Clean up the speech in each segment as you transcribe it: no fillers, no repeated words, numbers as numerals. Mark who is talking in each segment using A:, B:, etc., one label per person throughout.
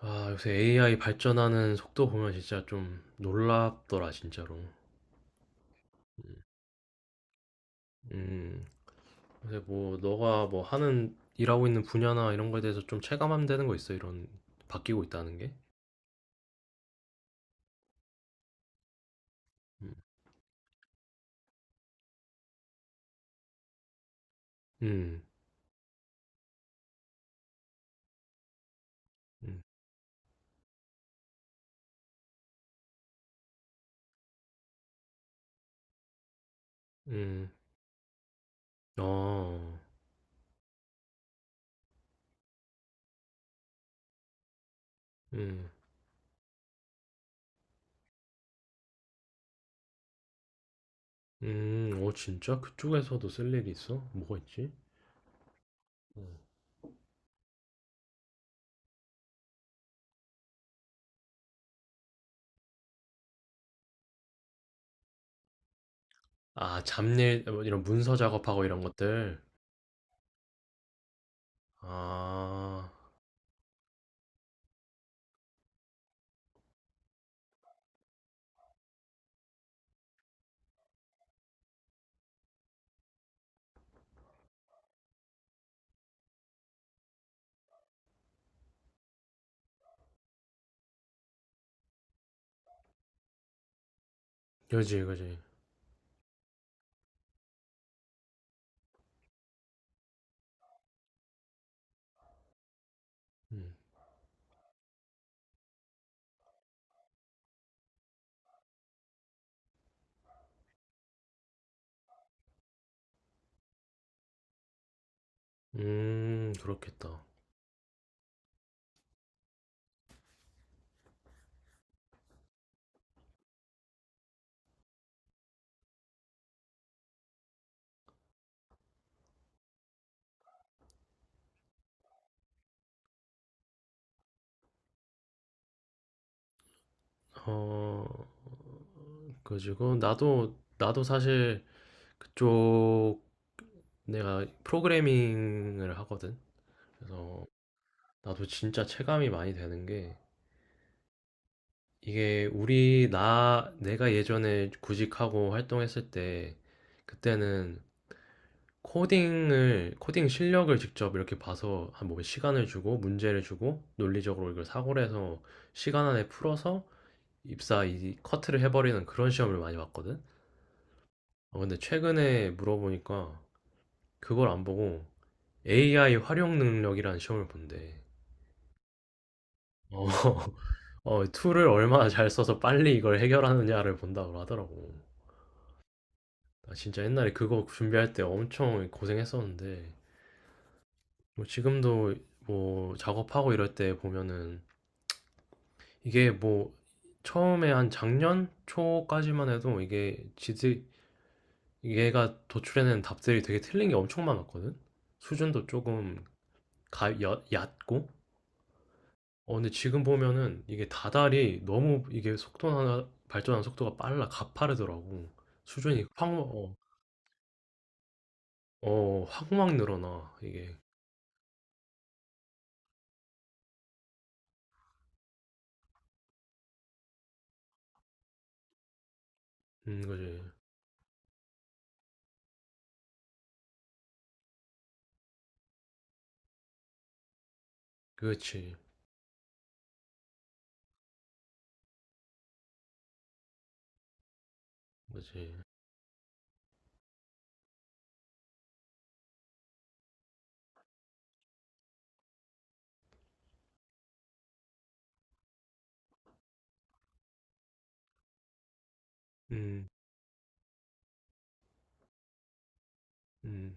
A: 아, 요새 AI 발전하는 속도 보면 진짜 좀 놀랍더라, 진짜로. 음. 요새 뭐, 너가 뭐 하는, 일하고 있는 분야나 이런 거에 대해서 좀 체감하면 되는 거 있어, 이런, 바뀌고 있다는 게? 음. 음. 음. 음. 어. 음. 음. 어, 진짜? 그쪽에서도 쓸 일이 있어? 뭐가 있지? 음. 아, 잡일, 뭐 이런 문서 작업하고 이런 것들. 아, 그지, 그지. 음. 그렇겠다. 어, 그래가지고 나도 사실 그쪽 내가 프로그래밍을 하거든. 그래서 나도 진짜 체감이 많이 되는 게 이게 우리 나 내가 예전에 구직하고 활동했을 때 그때는 코딩 실력을 직접 이렇게 봐서 한 뭐 시간을 주고 문제를 주고 논리적으로 이걸 사고를 해서 시간 안에 풀어서 입사 이 커트를 해버리는 그런 시험을 많이 봤거든. 아, 근데 최근에 물어보니까 그걸 안 보고 AI 활용 능력이라는 시험을 본대. 어. 어, 툴을 얼마나 잘 써서 빨리 이걸 해결하느냐를 본다고 하더라고. 나 진짜 옛날에 그거 준비할 때 엄청 고생했었는데, 뭐 지금도 뭐 작업하고 이럴 때 보면은 이게 뭐 처음에 한 작년 초까지만 해도 얘가 도출해낸 답들이 되게 틀린 게 엄청 많았거든? 수준도 조금 얕고? 어, 근데 지금 보면은 이게 다달이 너무 이게 속도나 발전하는 속도가 빨라 가파르더라고. 수준이 확막 늘어나, 이게. 그지. 그렇지. 그지. 음. 음.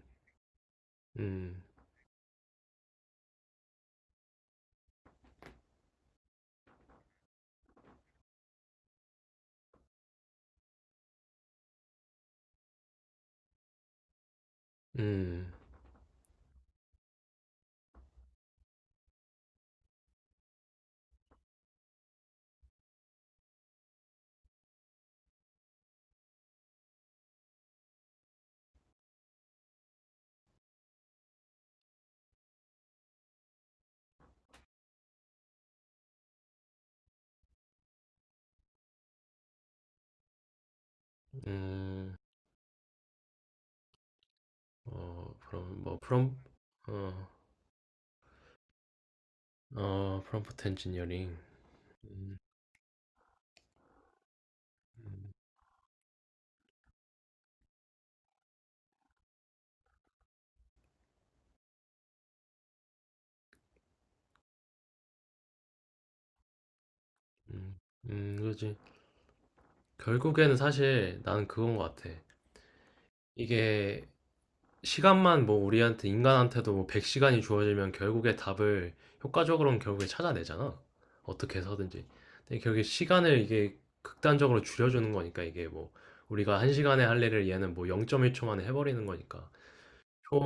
A: 음. 음. 음. 어, 그럼, 뭐, 어, 프롬프트 엔지니어링. 음. 음. 그지. 결국에는 사실 나는 그건 것 같아. 이게 시간만 뭐 우리한테 인간한테도 뭐 100시간이 주어지면 결국에 답을 효과적으로는 결국에 찾아내잖아. 어떻게 해서든지. 근데 결국에 시간을 이게 극단적으로 줄여주는 거니까 이게 뭐 우리가 1시간에 할 일을 얘는 뭐 0.1초 만에 해버리는 거니까. 초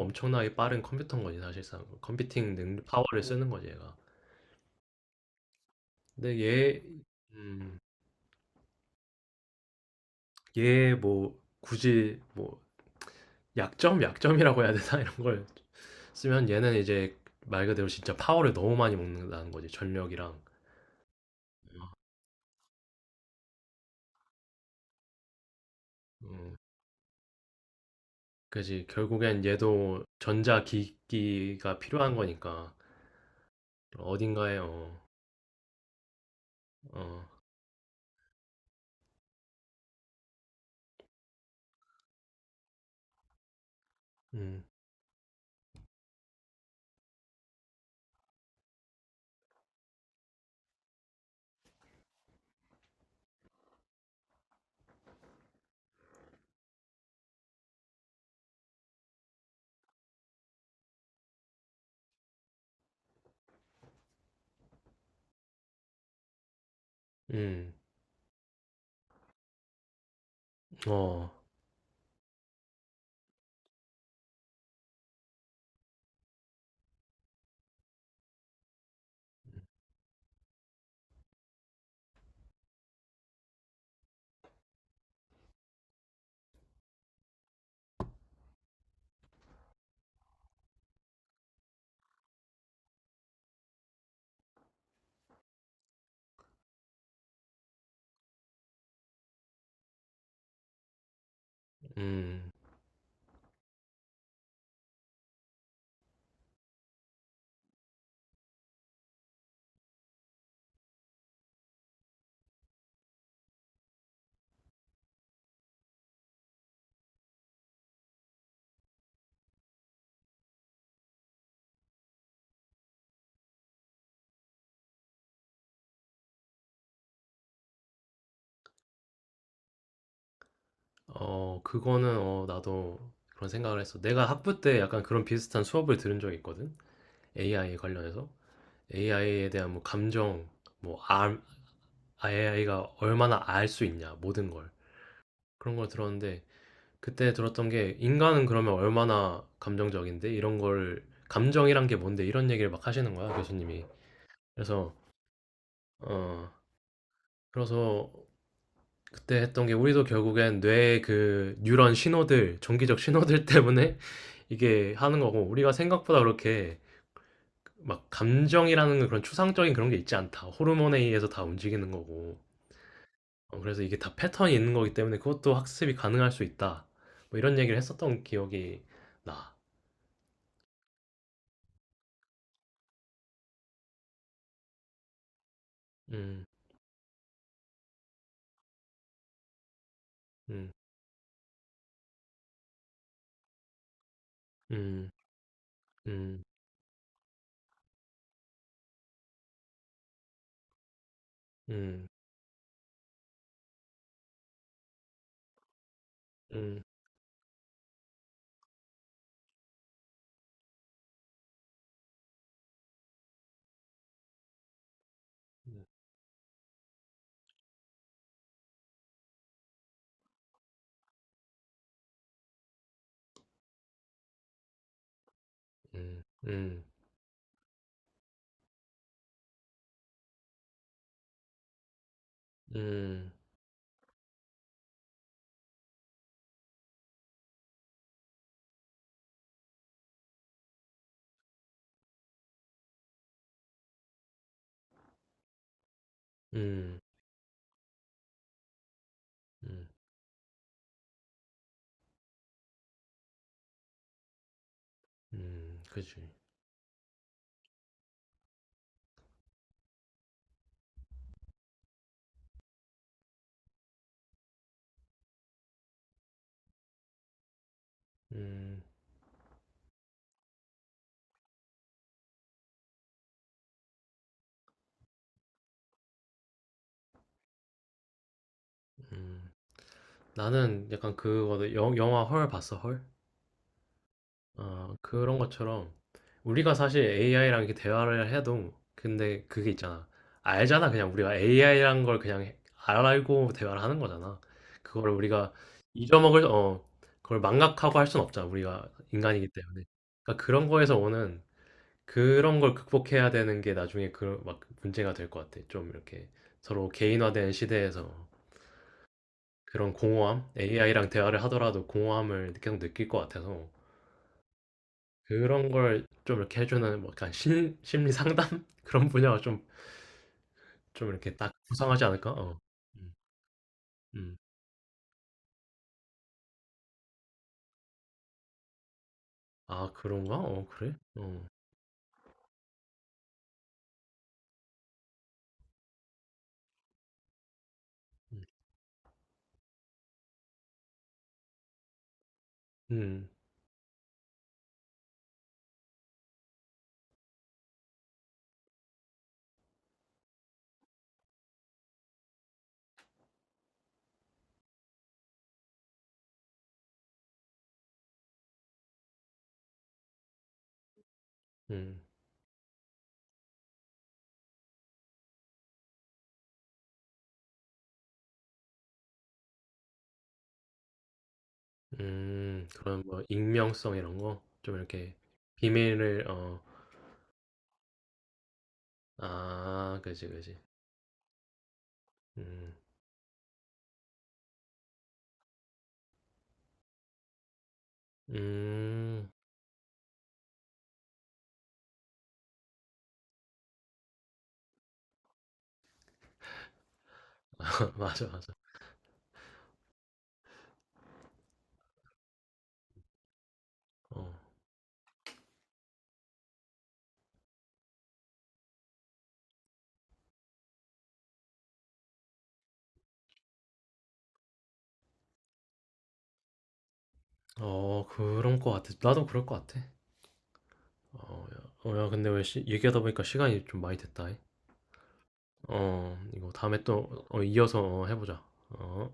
A: 엄청나게 빠른 컴퓨터인 거지 사실상. 컴퓨팅 능 파워를 쓰는 거지 얘가. 근데 음, 얘 뭐 굳이 뭐 약점, 약점이라고 해야 되나 이런 걸 쓰면 얘는 이제 말 그대로 진짜 파워를 너무 많이 먹는다는 거지 전력이랑. 음, 그지 결국엔 얘도 전자 기기가 필요한 거니까 어딘가에 어, 어. 음. 음. 어. 음. 어, 그거는 나도 그런 생각을 했어. 내가 학부 때 약간 그런 비슷한 수업을 들은 적이 있거든. AI에 관련해서 AI에 대한 뭐 감정, 뭐 AI가 얼마나 알 수 있냐 모든 걸. 그런 걸 들었는데 그때 들었던 게 인간은 그러면 얼마나 감정적인데 이런 걸 감정이란 게 뭔데 이런 얘기를 막 하시는 거야 교수님이. 그래서 어 그래서 그때 했던 게 우리도 결국엔 뇌의 그 뉴런 신호들 전기적 신호들 때문에 이게 하는 거고 우리가 생각보다 그렇게 막 감정이라는 그런 추상적인 그런 게 있지 않다 호르몬에 의해서 다 움직이는 거고 어, 그래서 이게 다 패턴이 있는 거기 때문에 그것도 학습이 가능할 수 있다 뭐 이런 얘기를 했었던 기억이 나. 음. 음. 음. 음. 음. 음. 음. 음. 음. 음. 음. 음. 그치. 음. 음. 나는 약간 그거 영 영화 헐 봤어, 헐? 아, 그런 것처럼 우리가 사실 AI랑 이렇게 대화를 해도 근데 그게 있잖아. 알잖아. 그냥 우리가 AI란 걸 그냥 알고 대화를 하는 거잖아. 그거를 우리가 잊어먹을 어 그걸 망각하고 할 순 없잖아. 우리가 인간이기 때문에. 그러니까 그런 거에서 오는 그런 걸 극복해야 되는 게 나중에 그 막 문제가 될 것 같아. 좀 이렇게 서로 개인화된 시대에서 그런 공허함, AI랑 대화를 하더라도 공허함을 계속 느낄 것 같아서 그런 걸 좀 이렇게 해주는 뭐 약간 심리 상담 그런 분야가 좀 이렇게 딱 구성하지 않을까? 어. 음. 음. 아, 그런가? 어, 그래? 어. 음. 음. 음. 음. 그런 뭐 익명성 이런 거 좀 이렇게 비밀을 어. 아, 그지, 그지. 음. 음. 맞아, 맞아. 어, 어, 그런 거 같아. 나도 그럴 거 같아. 어, 야, 어, 야, 근데 왜 얘기하다 보니까 시간이 좀 많이 됐다. 어, 이거 다음에 또 이어서 해 보자. 어.